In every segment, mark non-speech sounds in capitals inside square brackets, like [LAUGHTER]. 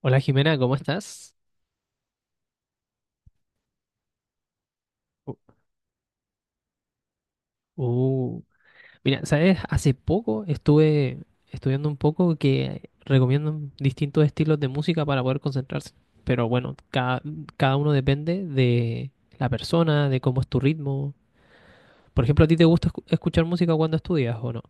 Hola Jimena, ¿cómo estás? Uh, uh, Mira, ¿sabes? Hace poco estuve estudiando un poco que recomiendan distintos estilos de música para poder concentrarse. Pero bueno, cada uno depende de la persona, de cómo es tu ritmo. Por ejemplo, ¿a ti te gusta escuchar música cuando estudias o no?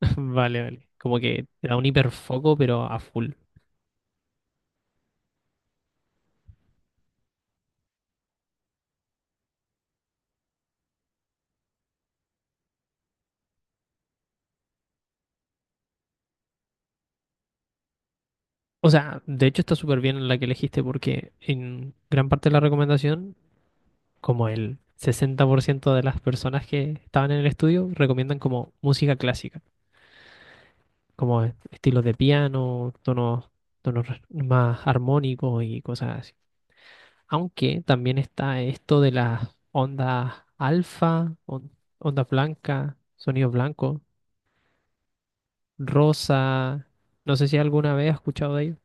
[LAUGHS] Vale, vale. Como que te da un hiperfoco, pero a full. O sea, de hecho está súper bien la que elegiste porque en gran parte de la recomendación como el 60% de las personas que estaban en el estudio recomiendan como música clásica, como estilos de piano, más armónicos y cosas así. Aunque también está esto de las ondas alfa, ondas blancas, sonidos blancos, rosa. No sé si alguna vez has escuchado de ellos.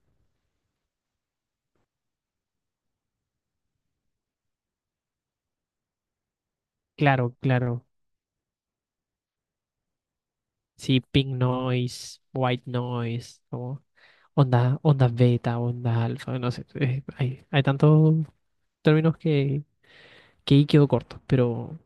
Claro, claro. Sí, pink noise, white noise, como ondas beta, ondas alfa, no sé. Hay tantos términos que ahí quedó corto,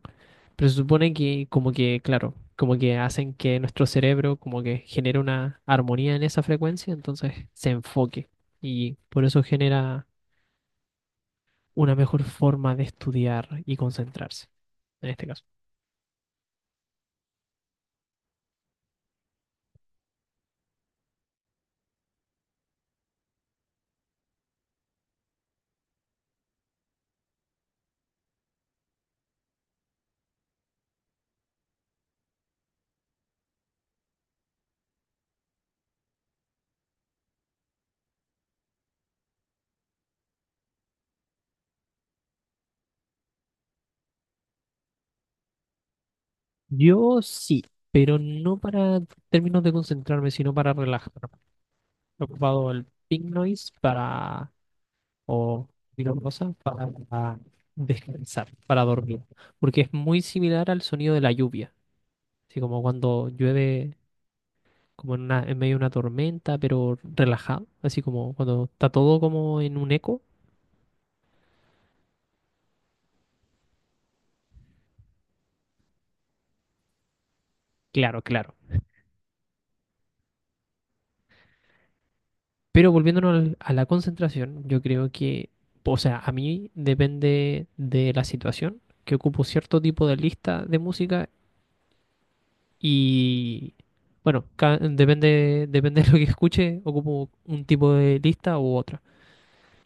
pero se supone que como que, claro, como que hacen que nuestro cerebro como que genere una armonía en esa frecuencia, entonces se enfoque y por eso genera una mejor forma de estudiar y concentrarse, en este caso. Yo sí, pero no para términos de concentrarme, sino para relajar. He ocupado el pink noise para, o cualquier cosa, para descansar, para dormir porque es muy similar al sonido de la lluvia. Así como cuando llueve como en en medio de una tormenta, pero relajado, así como cuando está todo como en un eco. Claro, claro. Pero volviéndonos a la concentración, yo creo que, o sea, a mí depende de la situación, que ocupo cierto tipo de lista de música y, bueno, depende, depende [LAUGHS] de lo que escuche, ocupo un tipo de lista u otra.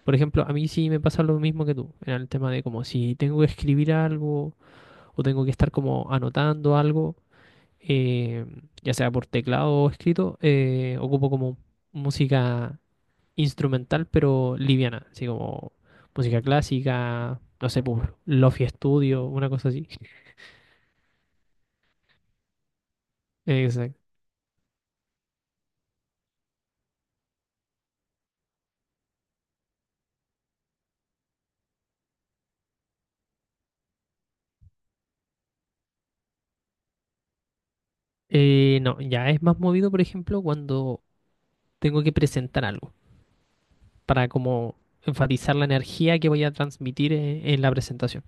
Por ejemplo, a mí sí me pasa lo mismo que tú, en el tema de como si tengo que escribir algo o tengo que estar como anotando algo, eh, ya sea por teclado o escrito, ocupo como música instrumental pero liviana, así como música clásica, no sé, por Lofi Studio, una cosa así. [LAUGHS] Exacto. No, ya es más movido, por ejemplo, cuando tengo que presentar algo, para como enfatizar la energía que voy a transmitir en la presentación.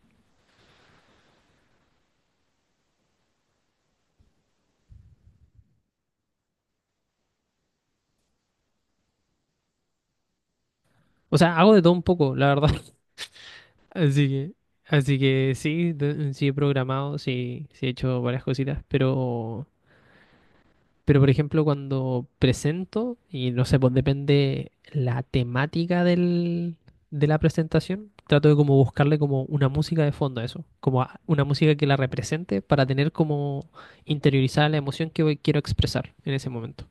O sea, hago de todo un poco, la verdad. Así que, así que sí, sí he programado, sí, sí he hecho varias cositas, pero por ejemplo cuando presento, y no sé, pues depende la temática del, de la presentación, trato de como buscarle como una música de fondo a eso, como una música que la represente para tener como interiorizada la emoción que quiero expresar en ese momento.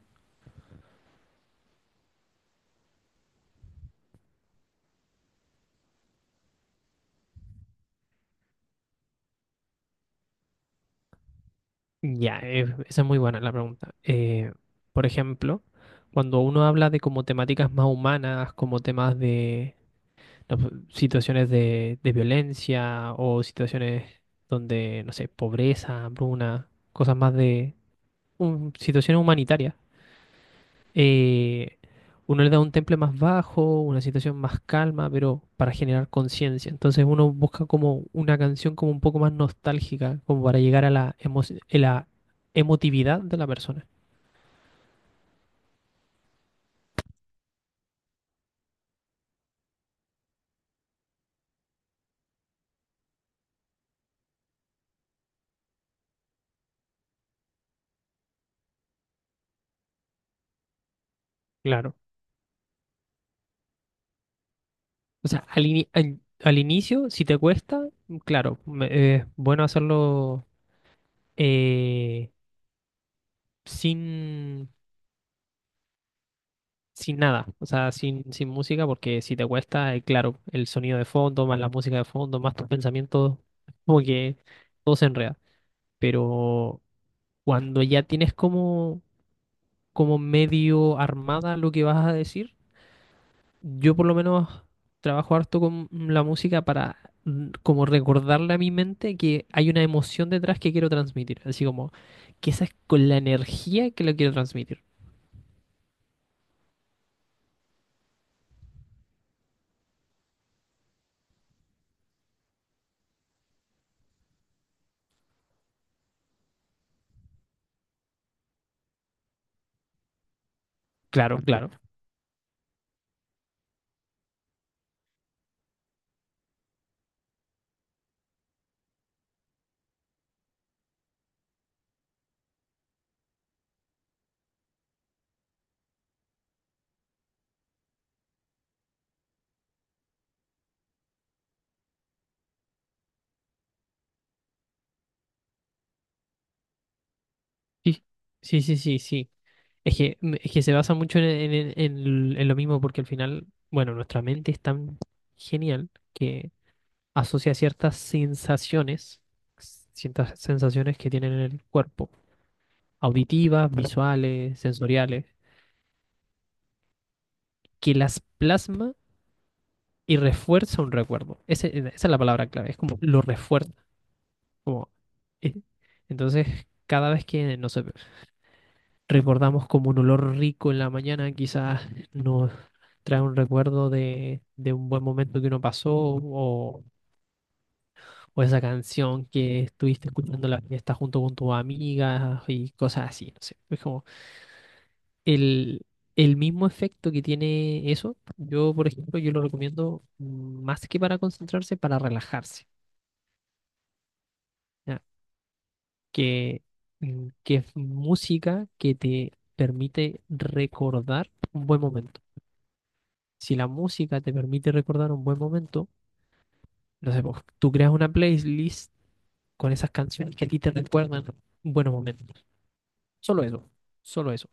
Ya, esa es muy buena la pregunta. Por ejemplo, cuando uno habla de como temáticas más humanas, como temas de, las situaciones de violencia o situaciones donde, no sé, pobreza, hambruna, cosas más de situaciones humanitarias. eh, uno le da un temple más bajo, una situación más calma, pero para generar conciencia. Entonces uno busca como una canción como un poco más nostálgica, como para llegar a la, a la emotividad de la persona. Claro. O sea, al inicio, si te cuesta, claro, es bueno hacerlo. eh, sin, sin nada, o sea, sin, sin música, porque si te cuesta, claro, el sonido de fondo, más la música de fondo, más tus pensamientos, como que todo se enreda. Pero cuando ya tienes como, como medio armada lo que vas a decir, yo por lo menos trabajo harto con la música para como recordarle a mi mente que hay una emoción detrás que quiero transmitir, así como que esa es con la energía que lo quiero transmitir. Claro, claro. Sí, sí, sí, sí, sí. Es que, es que se basa mucho en, en lo mismo porque al final, bueno, nuestra mente es tan genial que asocia ciertas sensaciones que tienen en el cuerpo, auditivas, visuales, sensoriales, que las plasma y refuerza un recuerdo. E, esa es la palabra clave, es como lo refuerza. Como, eh, Entonces, cada vez que, no sé, recordamos como un olor rico en la mañana, quizás nos trae un recuerdo de un buen momento que uno pasó o esa canción que estuviste escuchando en la fiesta junto con tus amigas y cosas así, no sé. Es como el, el mismo efecto que tiene eso, yo por ejemplo, yo lo recomiendo más que para concentrarse, para relajarse, ¿ya? Que, que es música que te permite recordar un buen momento. Si la música te permite recordar un buen momento, no sé, pues, tú creas una playlist con esas canciones que a ti te recuerdan buenos momentos. Solo eso, solo eso.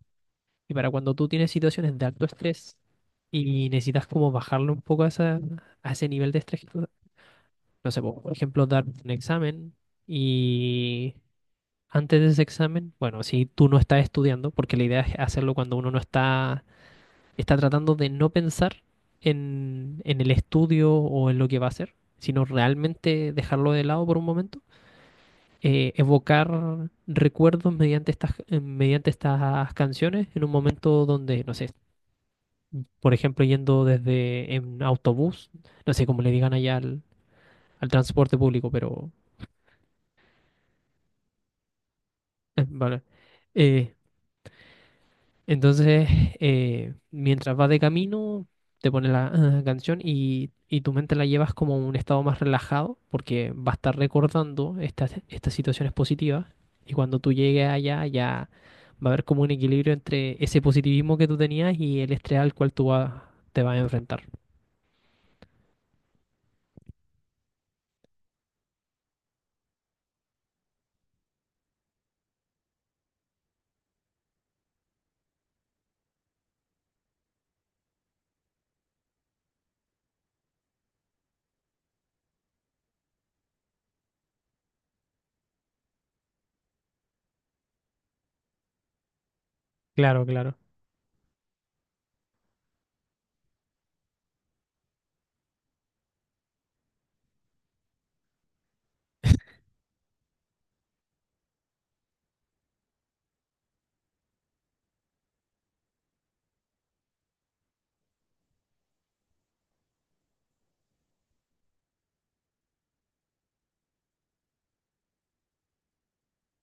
Y para cuando tú tienes situaciones de alto estrés y necesitas como bajarle un poco a, a ese nivel de estrés, que no sé, pues, por ejemplo, dar un examen y antes de ese examen, bueno, si tú no estás estudiando, porque la idea es hacerlo cuando uno no está está tratando de no pensar en el estudio o en lo que va a hacer, sino realmente dejarlo de lado por un momento, evocar recuerdos mediante estas canciones en un momento donde, no sé, por ejemplo, yendo desde en autobús, no sé cómo le digan allá al, al transporte público, pero vale, eh, Entonces mientras vas de camino, te pones la canción y tu mente la llevas como a un estado más relajado, porque va a estar recordando estas, estas situaciones positivas. Y cuando tú llegues allá, ya va a haber como un equilibrio entre ese positivismo que tú tenías y el estrés al cual tú te vas a enfrentar. Claro, claro.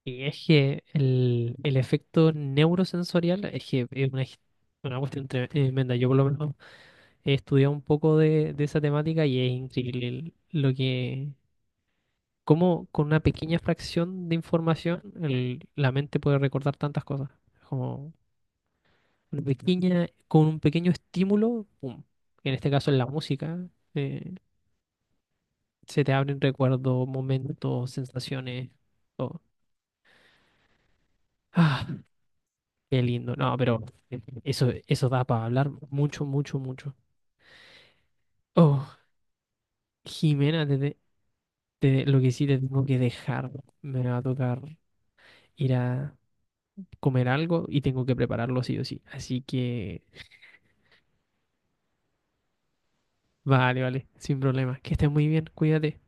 Y es que el efecto neurosensorial es que es una, una cuestión tremenda. Yo por lo menos he estudiado un poco de esa temática y es increíble lo que, cómo con una pequeña fracción de información la mente puede recordar tantas cosas. Como una pequeña, con un pequeño estímulo, pum. En este caso en la música, eh, se te abren recuerdos, momentos, sensaciones, todo. [SIGHS] Qué lindo. No, pero eso da para hablar mucho, mucho, mucho. Oh, Jimena, lo que sí te tengo que dejar. Me va a tocar ir a comer algo y tengo que prepararlo sí o sí. Así que, vale, vale, sin problema. Que estés muy bien, cuídate.